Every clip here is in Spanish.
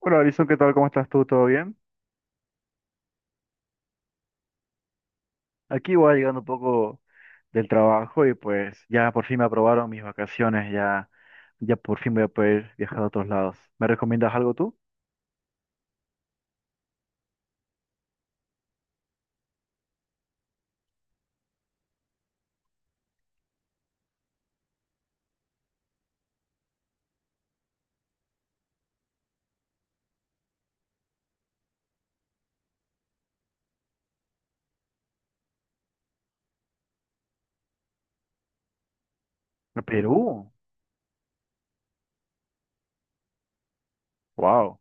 Hola, Alison, ¿qué tal? ¿Cómo estás tú? ¿Todo bien? Aquí voy llegando un poco del trabajo y pues ya por fin me aprobaron mis vacaciones, ya, ya por fin voy a poder viajar a otros lados. ¿Me recomiendas algo tú? ¿A Perú? Wow.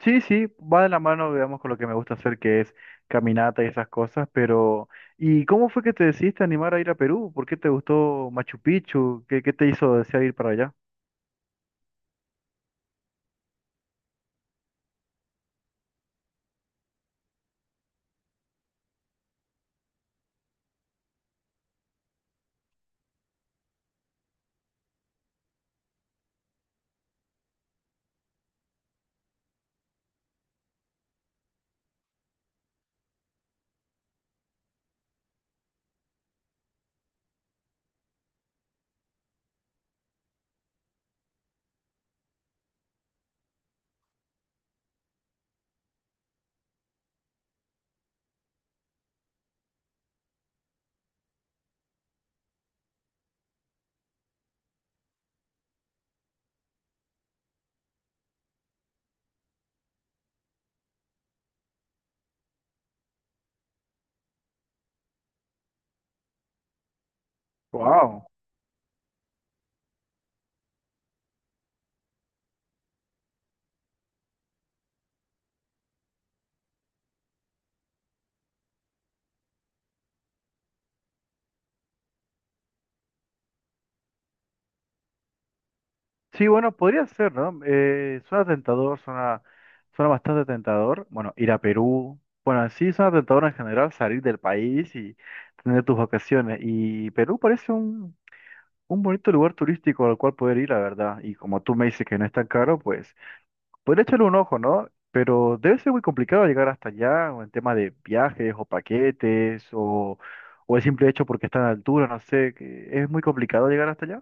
Sí, sí, va de la mano, digamos, con lo que me gusta hacer, que es caminata y esas cosas, pero ¿y cómo fue que te decidiste a animar a ir a Perú? ¿Por qué te gustó Machu Picchu? ¿Qué te hizo desear ir para allá? Wow. Sí, bueno, podría ser, ¿no? Suena tentador, suena bastante tentador. Bueno, ir a Perú. Bueno, sí suena tentador en general salir del país y tener tus vacaciones. Y Perú parece un bonito lugar turístico al cual poder ir, la verdad. Y como tú me dices que no es tan caro, pues podría echarle un ojo, ¿no? Pero debe ser muy complicado llegar hasta allá, o en tema de viajes o paquetes, o el simple hecho porque está en altura, no sé, que es muy complicado llegar hasta allá.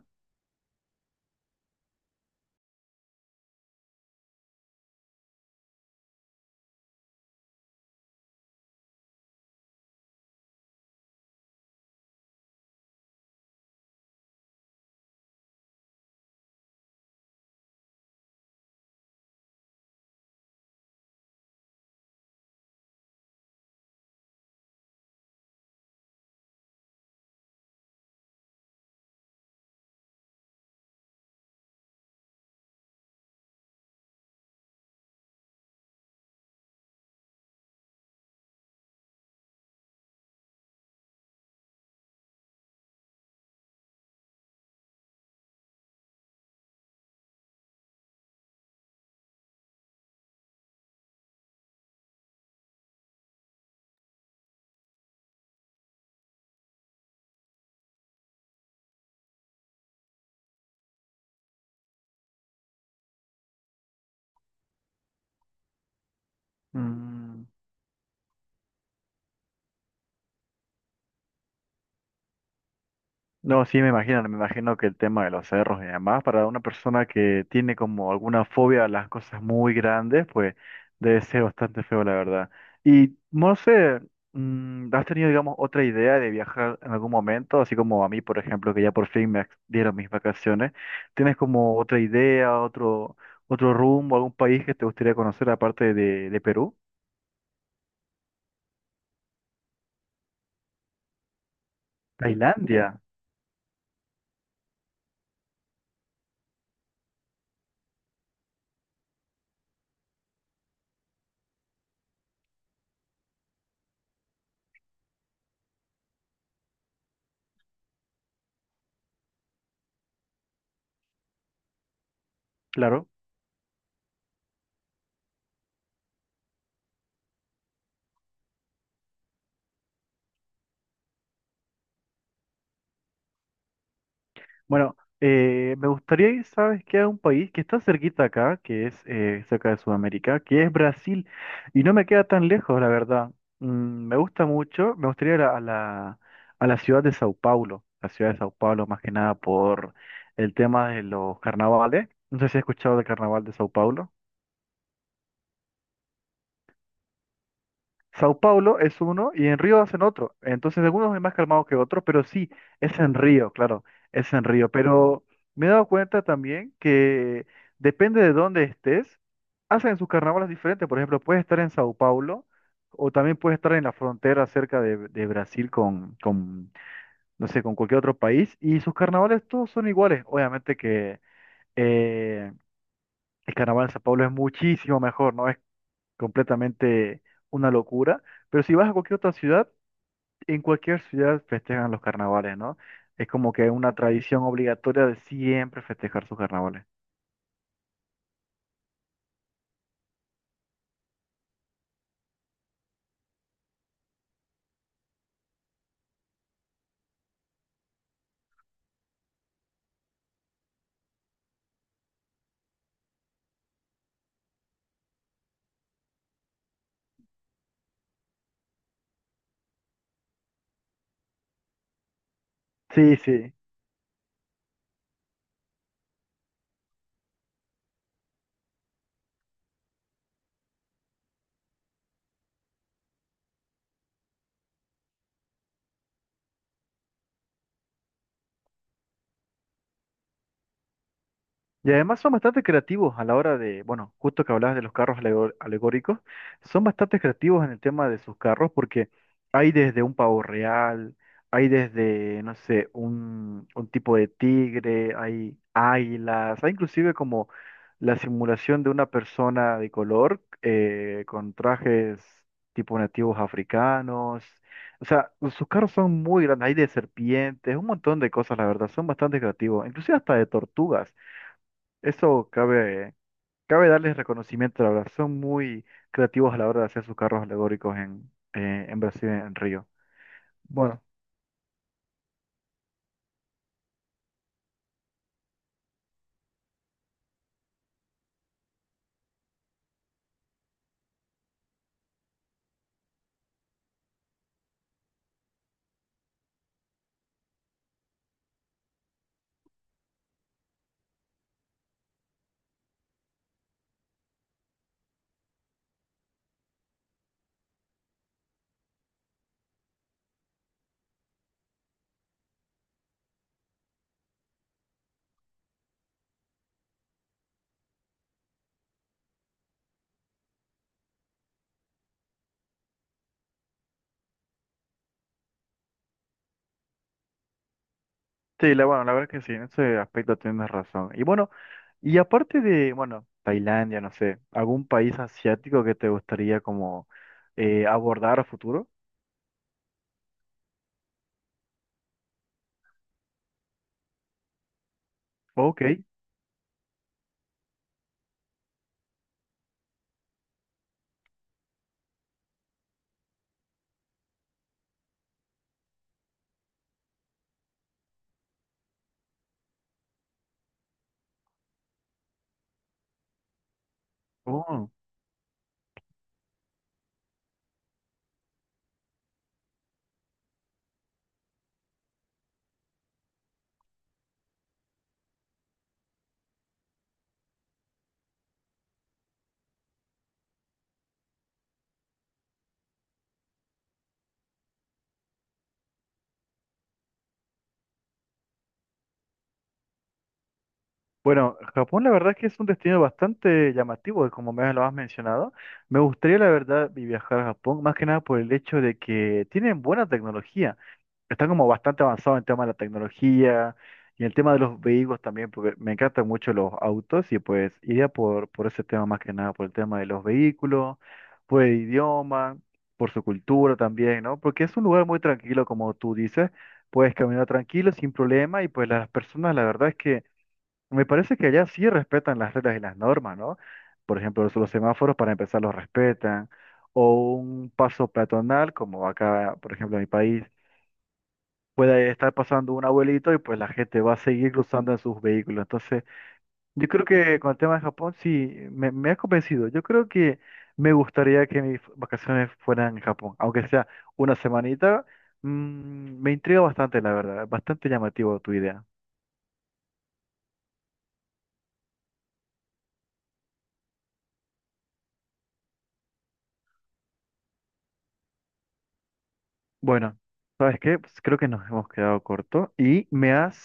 Mm. No, sí, me imagino que el tema de los cerros y demás, para una persona que tiene como alguna fobia a las cosas muy grandes, pues debe ser bastante feo, la verdad. Y no sé, ¿has tenido, digamos, otra idea de viajar en algún momento? Así como a mí, por ejemplo, que ya por fin dieron mis vacaciones. ¿Tienes como otra idea, otro rumbo, algún país que te gustaría conocer aparte de Perú? Tailandia, claro. Bueno, me gustaría ir, ¿sabes qué? A un país que está cerquita acá, que es cerca de Sudamérica, que es Brasil, y no me queda tan lejos, la verdad. Mm, me gusta mucho, me gustaría ir a la a la ciudad de Sao Paulo, la ciudad de Sao Paulo más que nada por el tema de los carnavales. No sé si has escuchado del carnaval de Sao Paulo. Sao Paulo es uno y en Río hacen otro. Entonces, algunos es más calmado que otros, pero sí, es en Río, claro, es en Río. Pero me he dado cuenta también que depende de dónde estés, hacen sus carnavales diferentes. Por ejemplo, puedes estar en Sao Paulo o también puedes estar en la frontera cerca de Brasil con no sé, con cualquier otro país y sus carnavales todos son iguales. Obviamente que eh, el carnaval de Sao Paulo es muchísimo mejor, ¿no? completamente una locura. Pero si vas a cualquier otra ciudad, en cualquier ciudad festejan los carnavales, ¿no? Es como que una tradición obligatoria de siempre festejar sus carnavales. Sí, sí. Y además son bastante creativos a la hora de, bueno, justo que hablabas de los alegóricos, son bastante creativos en el tema de sus carros porque hay desde un pavo real, hay desde, no sé, un tipo de tigre, hay águilas, hay inclusive como la simulación de una persona de color con trajes tipo nativos africanos. O sea, sus carros son muy grandes, hay de serpientes, un montón de cosas, la verdad, son bastante creativos, inclusive hasta de tortugas. Eso cabe, cabe darles reconocimiento, la verdad. Son muy creativos a la hora de hacer sus carros alegóricos en Brasil, en Río. Bueno, sí, bueno, la verdad que sí, en ese aspecto tienes razón. Y bueno, y aparte de, bueno, Tailandia, no sé, ¿algún país asiático que te gustaría como abordar a futuro? Ok. Oh. Bueno, Japón la verdad es que es un destino bastante llamativo, como me lo has mencionado. Me gustaría la verdad viajar a Japón, más que nada por el hecho de que tienen buena tecnología. Están como bastante avanzados en tema de la tecnología y el tema de los vehículos también, porque me encantan mucho los autos y pues iría por ese tema más que nada, por el tema de los vehículos, por el idioma, por su cultura también, ¿no? Porque es un lugar muy tranquilo, como tú dices, puedes caminar tranquilo, sin problema y pues las personas la verdad es que... Me parece que allá sí respetan las reglas y las normas, ¿no? Por ejemplo, los semáforos para empezar los respetan, o un paso peatonal, como acá, por ejemplo, en mi país, puede estar pasando un abuelito y pues la gente va a seguir cruzando en sus vehículos. Entonces, yo creo que con el tema de Japón sí, me ha convencido. Yo creo que me gustaría que mis vacaciones fueran en Japón, aunque sea una semanita. Me intriga bastante, la verdad, bastante llamativo tu idea. Bueno, ¿sabes qué? Pues creo que nos hemos quedado corto y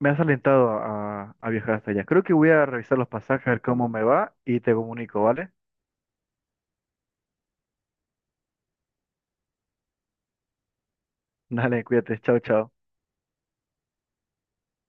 me has alentado a viajar hasta allá. Creo que voy a revisar los pasajes, a ver cómo me va y te comunico, ¿vale? Dale, cuídate, chao, chao.